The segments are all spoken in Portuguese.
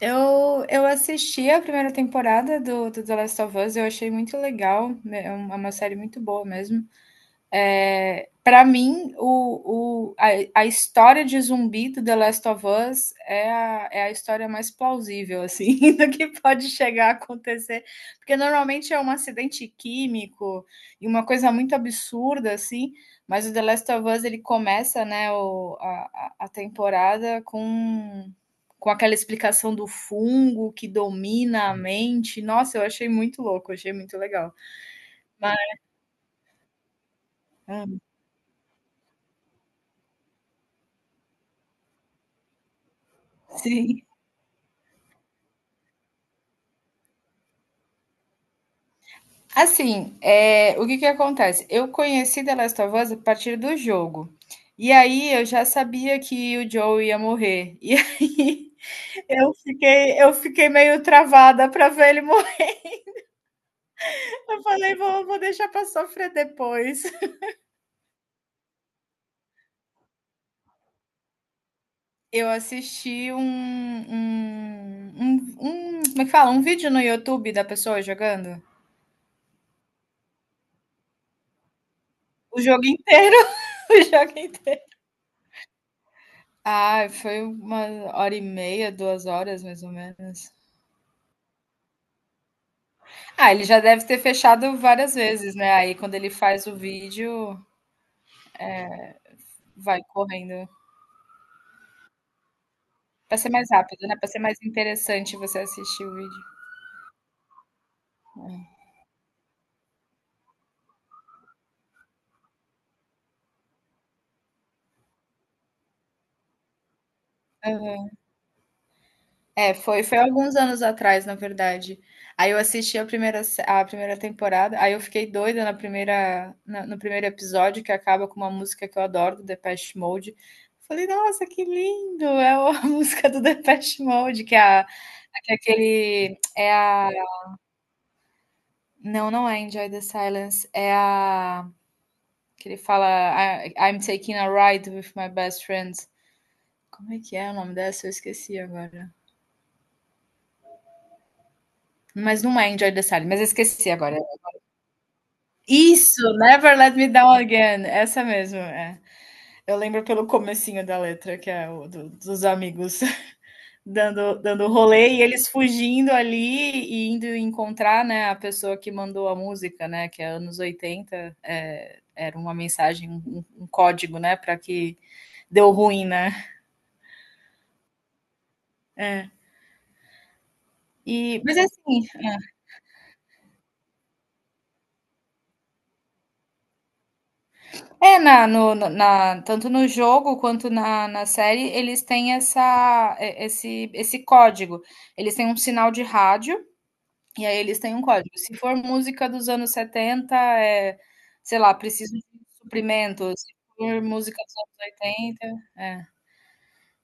Eu assisti a primeira temporada do The Last of Us, eu achei muito legal, né, é uma série muito boa mesmo. Para mim, a história de zumbi do The Last of Us é a história mais plausível, assim, do que pode chegar a acontecer. Porque normalmente é um acidente químico e uma coisa muito absurda, assim, mas o The Last of Us ele começa, né, a temporada com aquela explicação do fungo que domina a mente. Nossa, eu achei muito louco, achei muito legal. Mas, sim. Assim, o que que acontece? Eu conheci The Last of Us a partir do jogo. E aí eu já sabia que o Joel ia morrer. E aí eu fiquei meio travada para ver ele morrer. Eu falei: "Vou deixar para sofrer depois". Eu assisti um, como é que fala? Um vídeo no YouTube da pessoa jogando. O jogo inteiro, o jogo inteiro. Ah, foi 1 hora e meia, 2 horas mais ou menos. Ah, ele já deve ter fechado várias vezes, né, aí quando ele faz o vídeo, vai correndo. Pra ser mais rápido, né, pra ser mais interessante você assistir o vídeo. Aham. É, foi alguns anos atrás, na verdade. Aí eu assisti a primeira se a primeira temporada, aí eu fiquei doida na primeira na no primeiro episódio, que acaba com uma música que eu adoro, do Depeche Mode. Falei: "Nossa, que lindo!" É a música do Depeche Mode, que é aquele é a Não, não é Enjoy the Silence, é a que ele fala: "I'm taking a ride with my best friend". Como é que é o nome dessa? Eu esqueci agora. Mas não é Enjoy the Silence, mas eu esqueci agora. Isso, Never Let Me Down Again, essa mesmo, é. Eu lembro pelo comecinho da letra, que é dos amigos dando rolê e eles fugindo ali e indo encontrar, né, a pessoa que mandou a música, né, que é anos 80. Era uma mensagem, um código, né, para que deu ruim, né? É. Mas assim, na, no, na, tanto no jogo quanto na série, eles têm essa, esse código. Eles têm um sinal de rádio e aí eles têm um código. Se for música dos anos 70, é, sei lá, preciso de suprimento. Se for música dos anos 80, é,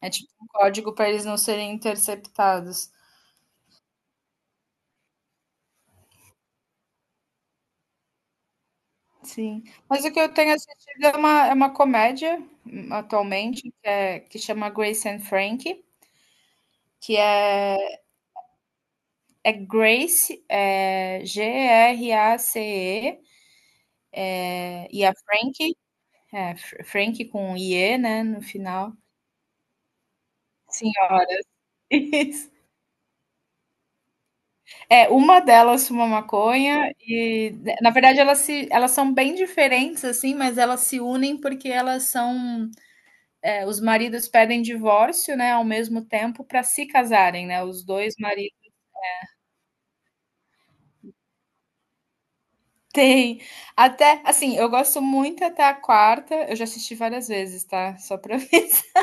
é tipo um código para eles não serem interceptados. Sim. Mas o que eu tenho assistido é uma comédia, atualmente, que é que chama Grace and Frankie, que é Grace, é Grace, e a Frankie é, Frankie com i-e, né, no final. Senhoras, isso. É, uma delas fuma maconha e, na verdade, elas se elas são bem diferentes, assim, mas elas se unem porque elas são, os maridos pedem divórcio, né, ao mesmo tempo para se casarem, né? Os dois maridos têm, até, assim, eu gosto muito até a quarta. Eu já assisti várias vezes, tá? Só para mim.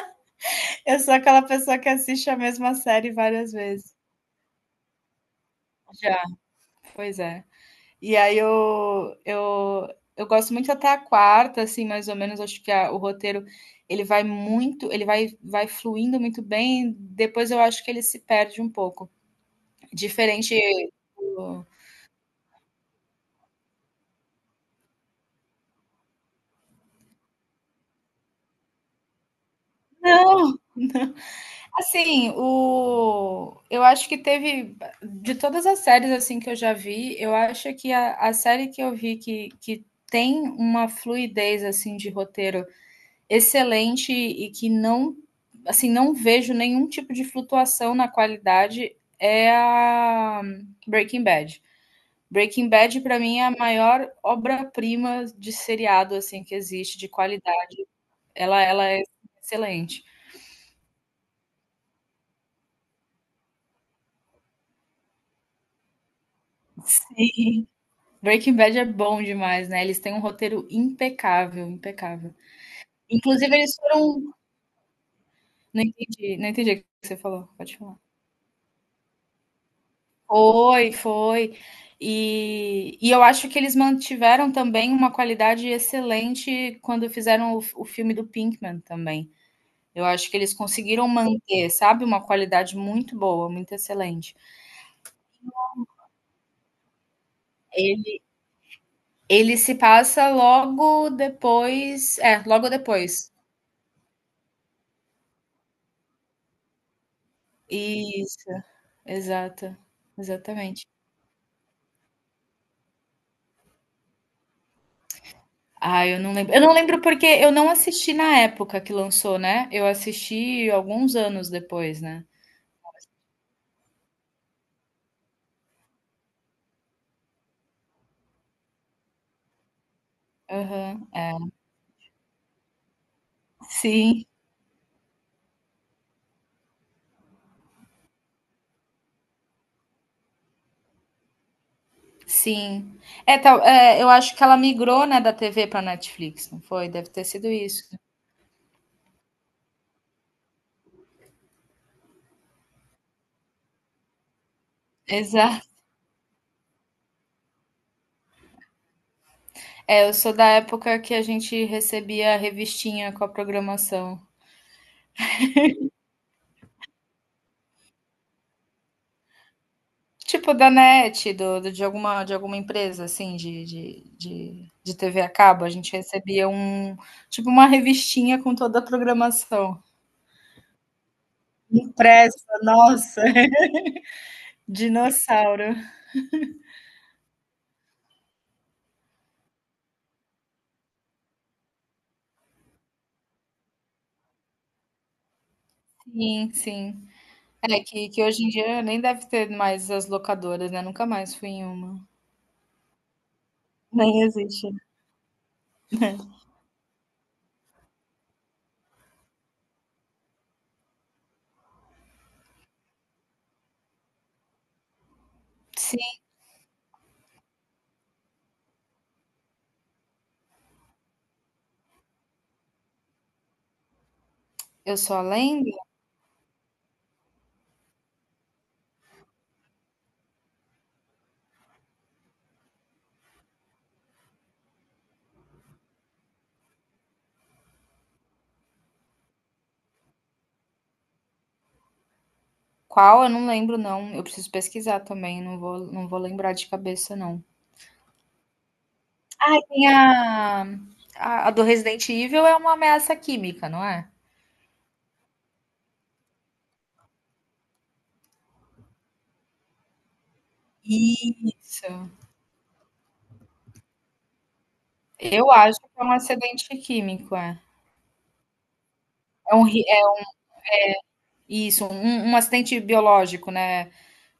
Eu sou aquela pessoa que assiste a mesma série várias vezes. Já, pois é. E aí eu gosto muito até a quarta, assim, mais ou menos, acho que o roteiro, ele vai muito, ele vai fluindo muito bem, depois eu acho que ele se perde um pouco. Diferente do... Não, assim, o eu acho que teve, de todas as séries, assim, que eu já vi, eu acho que a série que eu vi que tem uma fluidez, assim, de roteiro excelente e que não, assim, não vejo nenhum tipo de flutuação na qualidade, é a Breaking Bad. Breaking Bad, para mim, é a maior obra-prima de seriado, assim, que existe de qualidade. Ela é excelente. Sim. Breaking Bad é bom demais, né, eles têm um roteiro impecável, impecável. Inclusive eles foram, não entendi o que você falou, pode falar. Foi, foi. E eu acho que eles mantiveram também uma qualidade excelente quando fizeram o filme do Pinkman também. Eu acho que eles conseguiram manter, sabe, uma qualidade muito boa, muito excelente. Ele ele se passa logo depois, logo depois. Isso, exato, exatamente. Ah, eu não lembro. Eu não lembro porque eu não assisti na época que lançou, né? Eu assisti alguns anos depois, né? Aham, é. Sim, sim. É, tal, é, eu acho que ela migrou, né, da TV para Netflix, não foi? Deve ter sido isso. Exato. É, eu sou da época que a gente recebia a revistinha com a programação. Tipo da NET, de alguma empresa, assim, de TV a cabo. A gente recebia um, tipo uma revistinha com toda a programação. Impressa, nossa, dinossauro. Sim, sim. É que hoje em dia nem deve ter mais as locadoras, né? Nunca mais fui em uma. Nem existe. Sim, eu só lembro. Qual? Eu não lembro, não. Eu preciso pesquisar também, não vou lembrar de cabeça, não. Tem a do Resident Evil, é uma ameaça química, não é? Isso. Eu acho que é um acidente químico, é. É isso, um acidente biológico, né?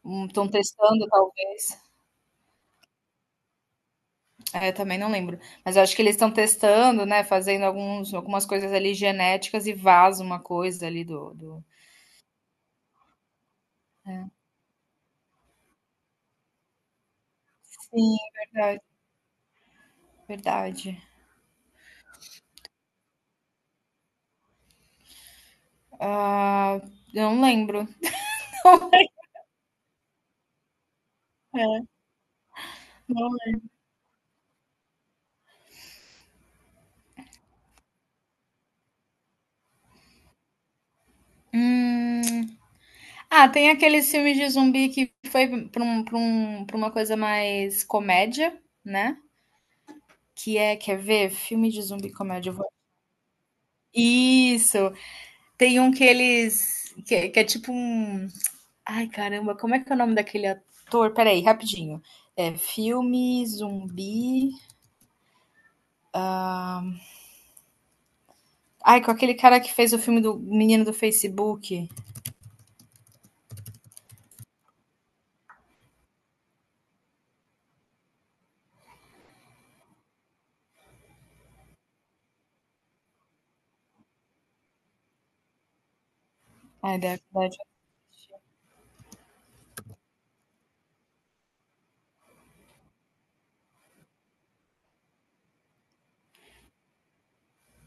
Estão testando, talvez. É, também não lembro. Mas eu acho que eles estão testando, né, fazendo alguns algumas coisas ali genéticas e vaza uma coisa ali do. Sim, verdade, verdade. Ah, eu não lembro. É, não é. Hum. Ah, tem aqueles filmes de zumbi que foi pra uma coisa mais comédia, né, quer ver? Filme de zumbi comédia, eu vou. Isso. Tem um que eles, que é tipo um. Ai, caramba, como é que é o nome daquele ator? Peraí, rapidinho. É filme, zumbi. Ai, com aquele cara que fez o filme do menino do Facebook. Ai, da verdade.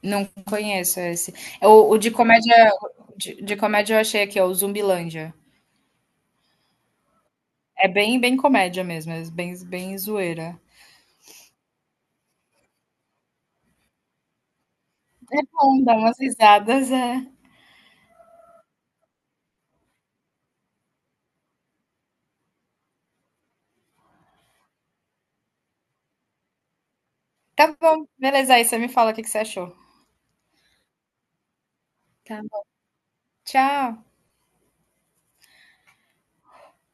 Não conheço esse. É o de comédia. De comédia eu achei aqui, ó, o Zumbilândia. É bem, bem comédia mesmo, é bem, bem zoeira. É bom, dá umas risadas, é. Tá bom, beleza. Aí você me fala o que que você achou. Tchau.